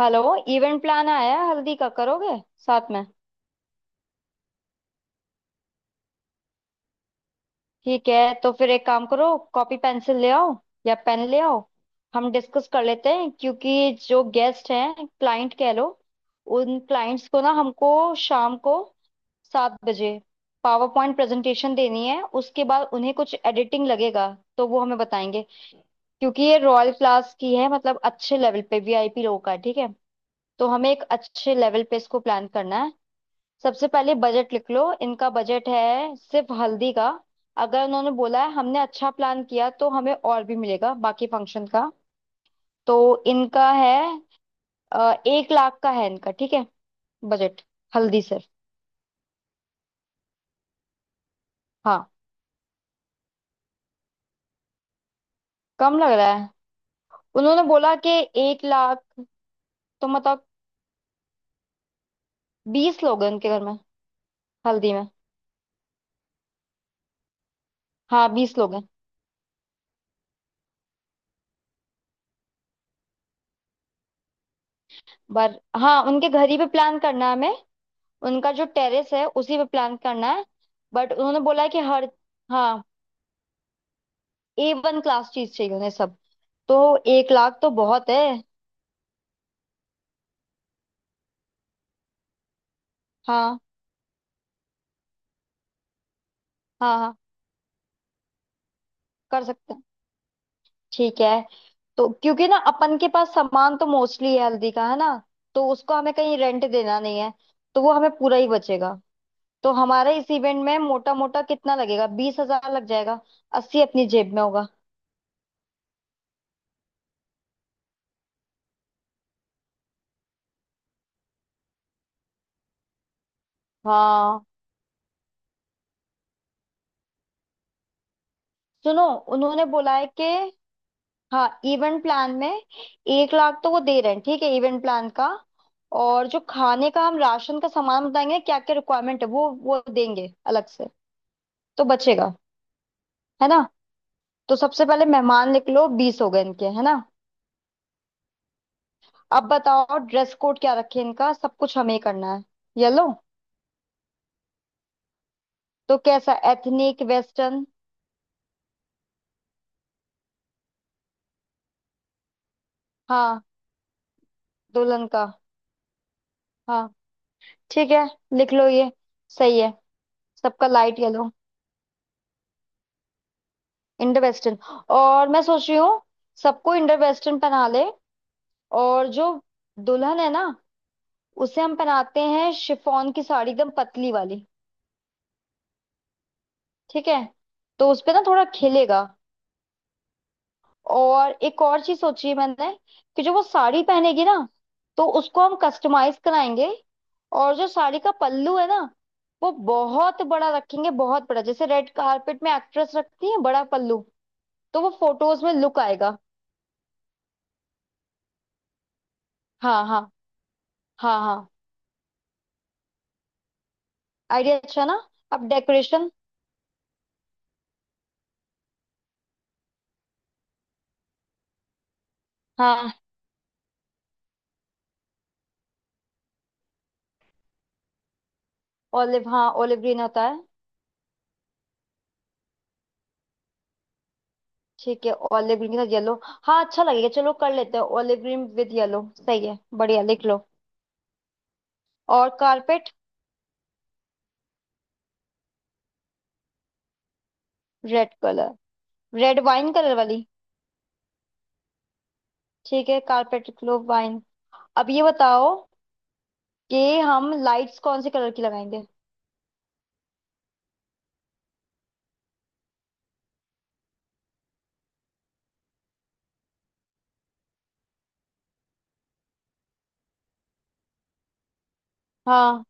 Hello. Event plan आया है, हल्दी का करोगे साथ में? ठीक है, तो फिर एक काम करो, कॉपी पेंसिल ले आओ या पेन ले आओ। हम डिस्कस कर लेते हैं, क्योंकि जो गेस्ट हैं, क्लाइंट कह लो। उन क्लाइंट्स को ना हमको शाम को 7 बजे पावर पॉइंट प्रेजेंटेशन देनी है। उसके बाद उन्हें कुछ एडिटिंग लगेगा तो वो हमें बताएंगे। क्योंकि ये रॉयल क्लास की है, मतलब अच्छे लेवल पे वीआईपी लोगों का है, ठीक है। तो हमें एक अच्छे लेवल पे इसको प्लान करना है। सबसे पहले बजट लिख लो, इनका बजट है सिर्फ हल्दी का। अगर उन्होंने बोला है हमने अच्छा प्लान किया तो हमें और भी मिलेगा बाकी फंक्शन का। तो इनका है, 1 लाख का है इनका, ठीक है। बजट, हल्दी सिर्फ। हाँ। कम लग रहा है। उन्होंने बोला कि 1 लाख। तो मतलब 20 लोग हैं उनके घर में, हल्दी में। हाँ 20 लोग हैं। पर हाँ, उनके घर ही पे प्लान करना है हमें। उनका जो टेरेस है उसी पे प्लान करना है। बट उन्होंने बोला है कि हर हाँ, A1 क्लास चीज चाहिए उन्हें सब। तो 1 लाख तो बहुत है। हाँ, हाँ। हाँ, कर सकते हैं। ठीक है। तो क्योंकि ना अपन के पास सामान तो मोस्टली है हल्दी का, है ना। तो उसको हमें कहीं रेंट देना नहीं है, तो वो हमें पूरा ही बचेगा। तो हमारे इस इवेंट में मोटा मोटा कितना लगेगा, 20 हजार लग जाएगा, 80 अपनी जेब में होगा। हाँ। सुनो, उन्होंने बोला है कि हाँ इवेंट प्लान में 1 लाख तो वो दे रहे हैं, ठीक है, इवेंट प्लान का। और जो खाने का, हम राशन का सामान बताएंगे क्या क्या रिक्वायरमेंट है, वो देंगे अलग से। तो बचेगा, है ना। तो सबसे पहले मेहमान लिख लो, 20 हो गए इनके, है ना। अब बताओ ड्रेस कोड क्या रखे, इनका सब कुछ हमें ही करना है। येलो। तो कैसा, एथनिक वेस्टर्न? हाँ। दुल्हन का। हाँ ठीक है, लिख लो ये, सही है। सबका लाइट येलो, इंडो वेस्टर्न। और मैं सोच रही हूँ सबको इंडो वेस्टर्न पहना ले। और जो दुल्हन है ना, उसे हम पहनाते हैं शिफॉन की साड़ी एकदम पतली वाली। ठीक है। तो उसपे ना थोड़ा खिलेगा। और एक और चीज सोची है मैंने, कि जो वो साड़ी पहनेगी ना, तो उसको हम कस्टमाइज कराएंगे। और जो साड़ी का पल्लू है ना, वो बहुत बड़ा रखेंगे, बहुत बड़ा, जैसे रेड कारपेट में एक्ट्रेस रखती है बड़ा पल्लू। तो वो फोटोज में लुक आएगा। हाँ हाँ, हाँ हाँ। आइडिया अच्छा ना। अब डेकोरेशन। हाँ ऑलिव, हाँ ऑलिव ग्रीन होता है। ठीक है, ऑलिव ग्रीन के साथ येलो। हाँ अच्छा लगेगा, चलो कर लेते हैं ऑलिव ग्रीन विद येलो, सही है। बढ़िया, लिख लो। और carpet? Red colour. Red wine colour वाली। ठीक है, कारपेट क्लोव वाइन। अब ये बताओ कि हम लाइट्स कौन से कलर की लगाएंगे। हाँ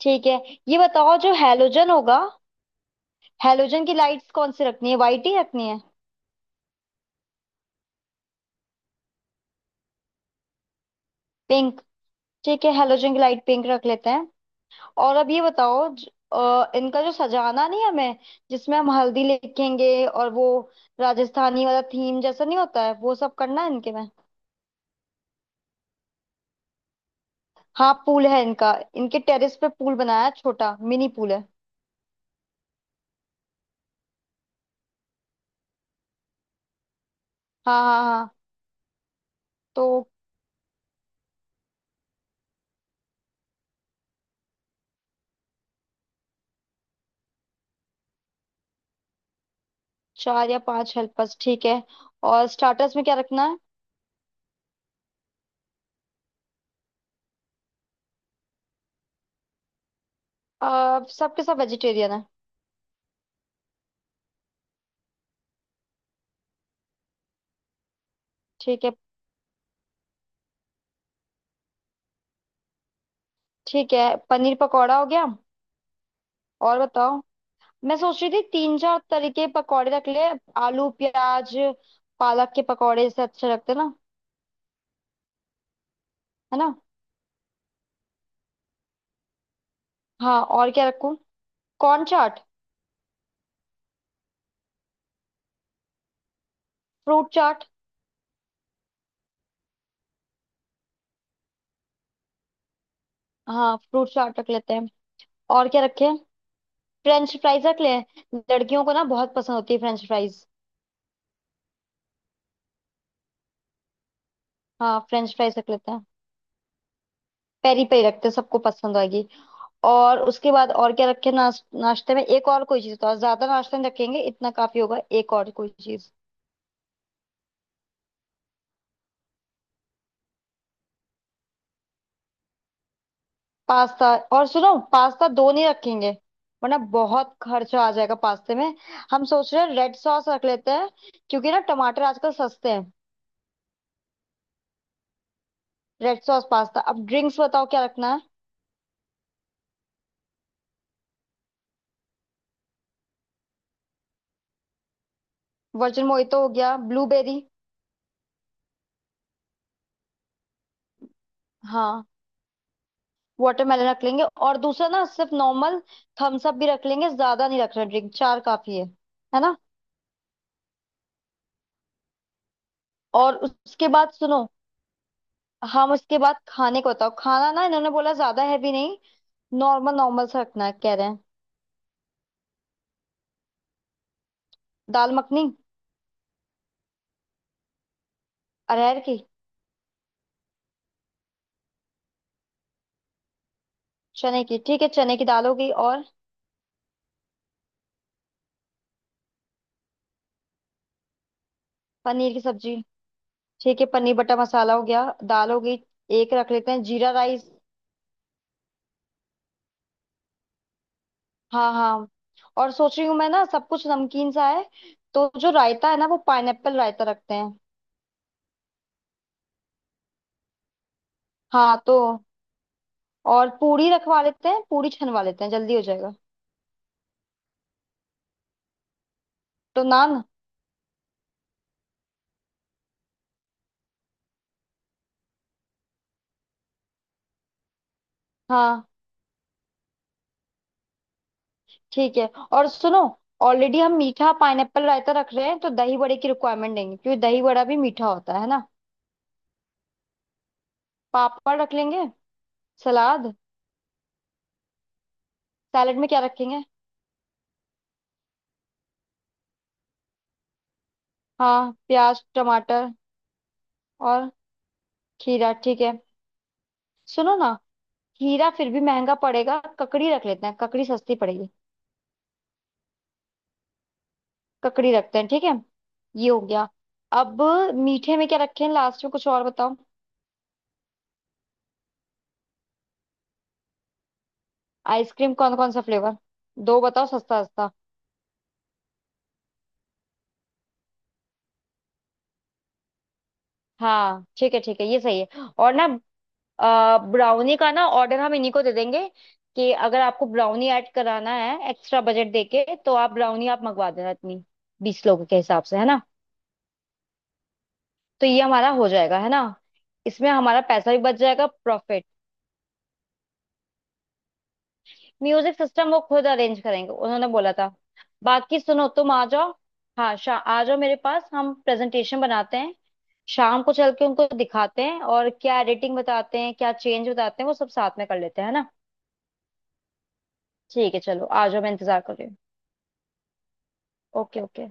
ठीक है। ये बताओ जो हेलोजन होगा, हेलोजन की लाइट्स कौन सी रखनी है, वाइट ही रखनी है? पिंक? ठीक है, हेलोजन की लाइट पिंक रख लेते हैं। और अब ये बताओ इनका जो सजाना नहीं हमें, जिसमें हम हल्दी लिखेंगे, और वो राजस्थानी वाला थीम जैसा नहीं होता है, वो सब करना है इनके में। हाँ पूल है इनका, इनके टेरेस पे पूल बनाया है, छोटा मिनी पूल है। हाँ हाँ हाँ। तो चार या पांच हेल्पर्स ठीक है। और स्टार्टर्स में क्या रखना है? सबके सब वेजिटेरियन है। ठीक है ठीक है, पनीर पकौड़ा हो गया। और बताओ, मैं सोच रही थी तीन चार तरीके पकौड़े रख ले। आलू प्याज, पालक के पकौड़े से अच्छे लगते ना, है ना। हाँ और क्या रखूं? कॉर्न चाट। फ्रूट चाट। हाँ फ्रूट चाट रख लेते हैं। और क्या रखें? फ्रेंच फ्राइज रख लें, लड़कियों को ना बहुत पसंद होती है फ्रेंच फ्राइज। हाँ फ्रेंच फ्राइज रख लेते हैं, पेरी पेरी रखते हैं सबको पसंद आएगी। और उसके बाद और क्या रखें, नाश्ते में एक और कोई चीज, तो ज्यादा नाश्ता नहीं रखेंगे, इतना काफी होगा, एक और कोई चीज। पास्ता। और सुनो, पास्ता दो नहीं रखेंगे, वरना बहुत खर्चा आ जाएगा पास्ते में। हम सोच रहे हैं रेड सॉस रख लेते हैं, क्योंकि ना टमाटर आजकल सस्ते हैं। Red sauce pasta. अब ड्रिंक्स बताओ क्या रखना है? वर्जिन मोहितो हो गया, ब्लूबेरी। हाँ। वाटरमेलन रख लेंगे, और दूसरा ना सिर्फ नॉर्मल थम्स अप भी रख लेंगे। ज्यादा नहीं रख रहे, ड्रिंक चार काफी है ना। और उसके बाद सुनो, हम उसके बाद खाने को बताओ, खाना ना इन्होंने बोला ज्यादा हैवी नहीं, नॉर्मल नॉर्मल सा रखना है कह रहे हैं। दाल मखनी? अरहर की? चने की? ठीक है चने की दाल हो गई। और? पनीर की सब्जी। ठीक है, पनीर बटर मसाला हो गया, दाल हो गई। एक रख लेते हैं जीरा राइस। हाँ हाँ। और सोच रही हूँ मैं ना, सब कुछ नमकीन सा है, तो जो रायता है ना, वो पाइनएप्पल रायता रखते हैं। हाँ तो। और पूरी रखवा लेते हैं, पूरी छनवा लेते हैं, जल्दी हो जाएगा। तो नान? हाँ ठीक है। और सुनो, ऑलरेडी हम मीठा पाइनएप्पल रायता रख रहे हैं, तो दही बड़े की रिक्वायरमेंट देंगे, क्योंकि दही बड़ा भी मीठा होता है ना। पापड़ रख लेंगे। सलाद। सैलेड में क्या रखेंगे? हाँ, प्याज टमाटर और खीरा ठीक है। सुनो ना, खीरा फिर भी महंगा पड़ेगा, ककड़ी रख लेते हैं, ककड़ी सस्ती पड़ेगी। ककड़ी रखते हैं ठीक है। ये हो गया। अब मीठे में क्या रखें लास्ट में, कुछ और बताओ। आइसक्रीम कौन कौन सा फ्लेवर? दो बताओ, सस्ता सस्ता। हाँ ठीक है ठीक है, ये सही है। और ना ब्राउनी का ना ऑर्डर हम इन्हीं को दे देंगे, कि अगर आपको ब्राउनी ऐड कराना है एक्स्ट्रा बजट देके, तो आप ब्राउनी आप मंगवा देना इतनी, 20 लोगों के हिसाब से, है ना। तो ये हमारा हो जाएगा, है ना। इसमें हमारा पैसा भी बच जाएगा, प्रॉफिट। म्यूजिक सिस्टम वो खुद अरेंज करेंगे, उन्होंने बोला था। बाकी सुनो तुम आ जाओ, हाँ, शा आ जाओ मेरे पास, हम प्रेजेंटेशन बनाते हैं, शाम को चल के उनको दिखाते हैं, और क्या एडिटिंग बताते हैं क्या चेंज बताते हैं वो सब साथ में कर लेते हैं, है ना। ठीक है चलो आ जाओ, मैं इंतजार कर रही हूँ। Okay okay.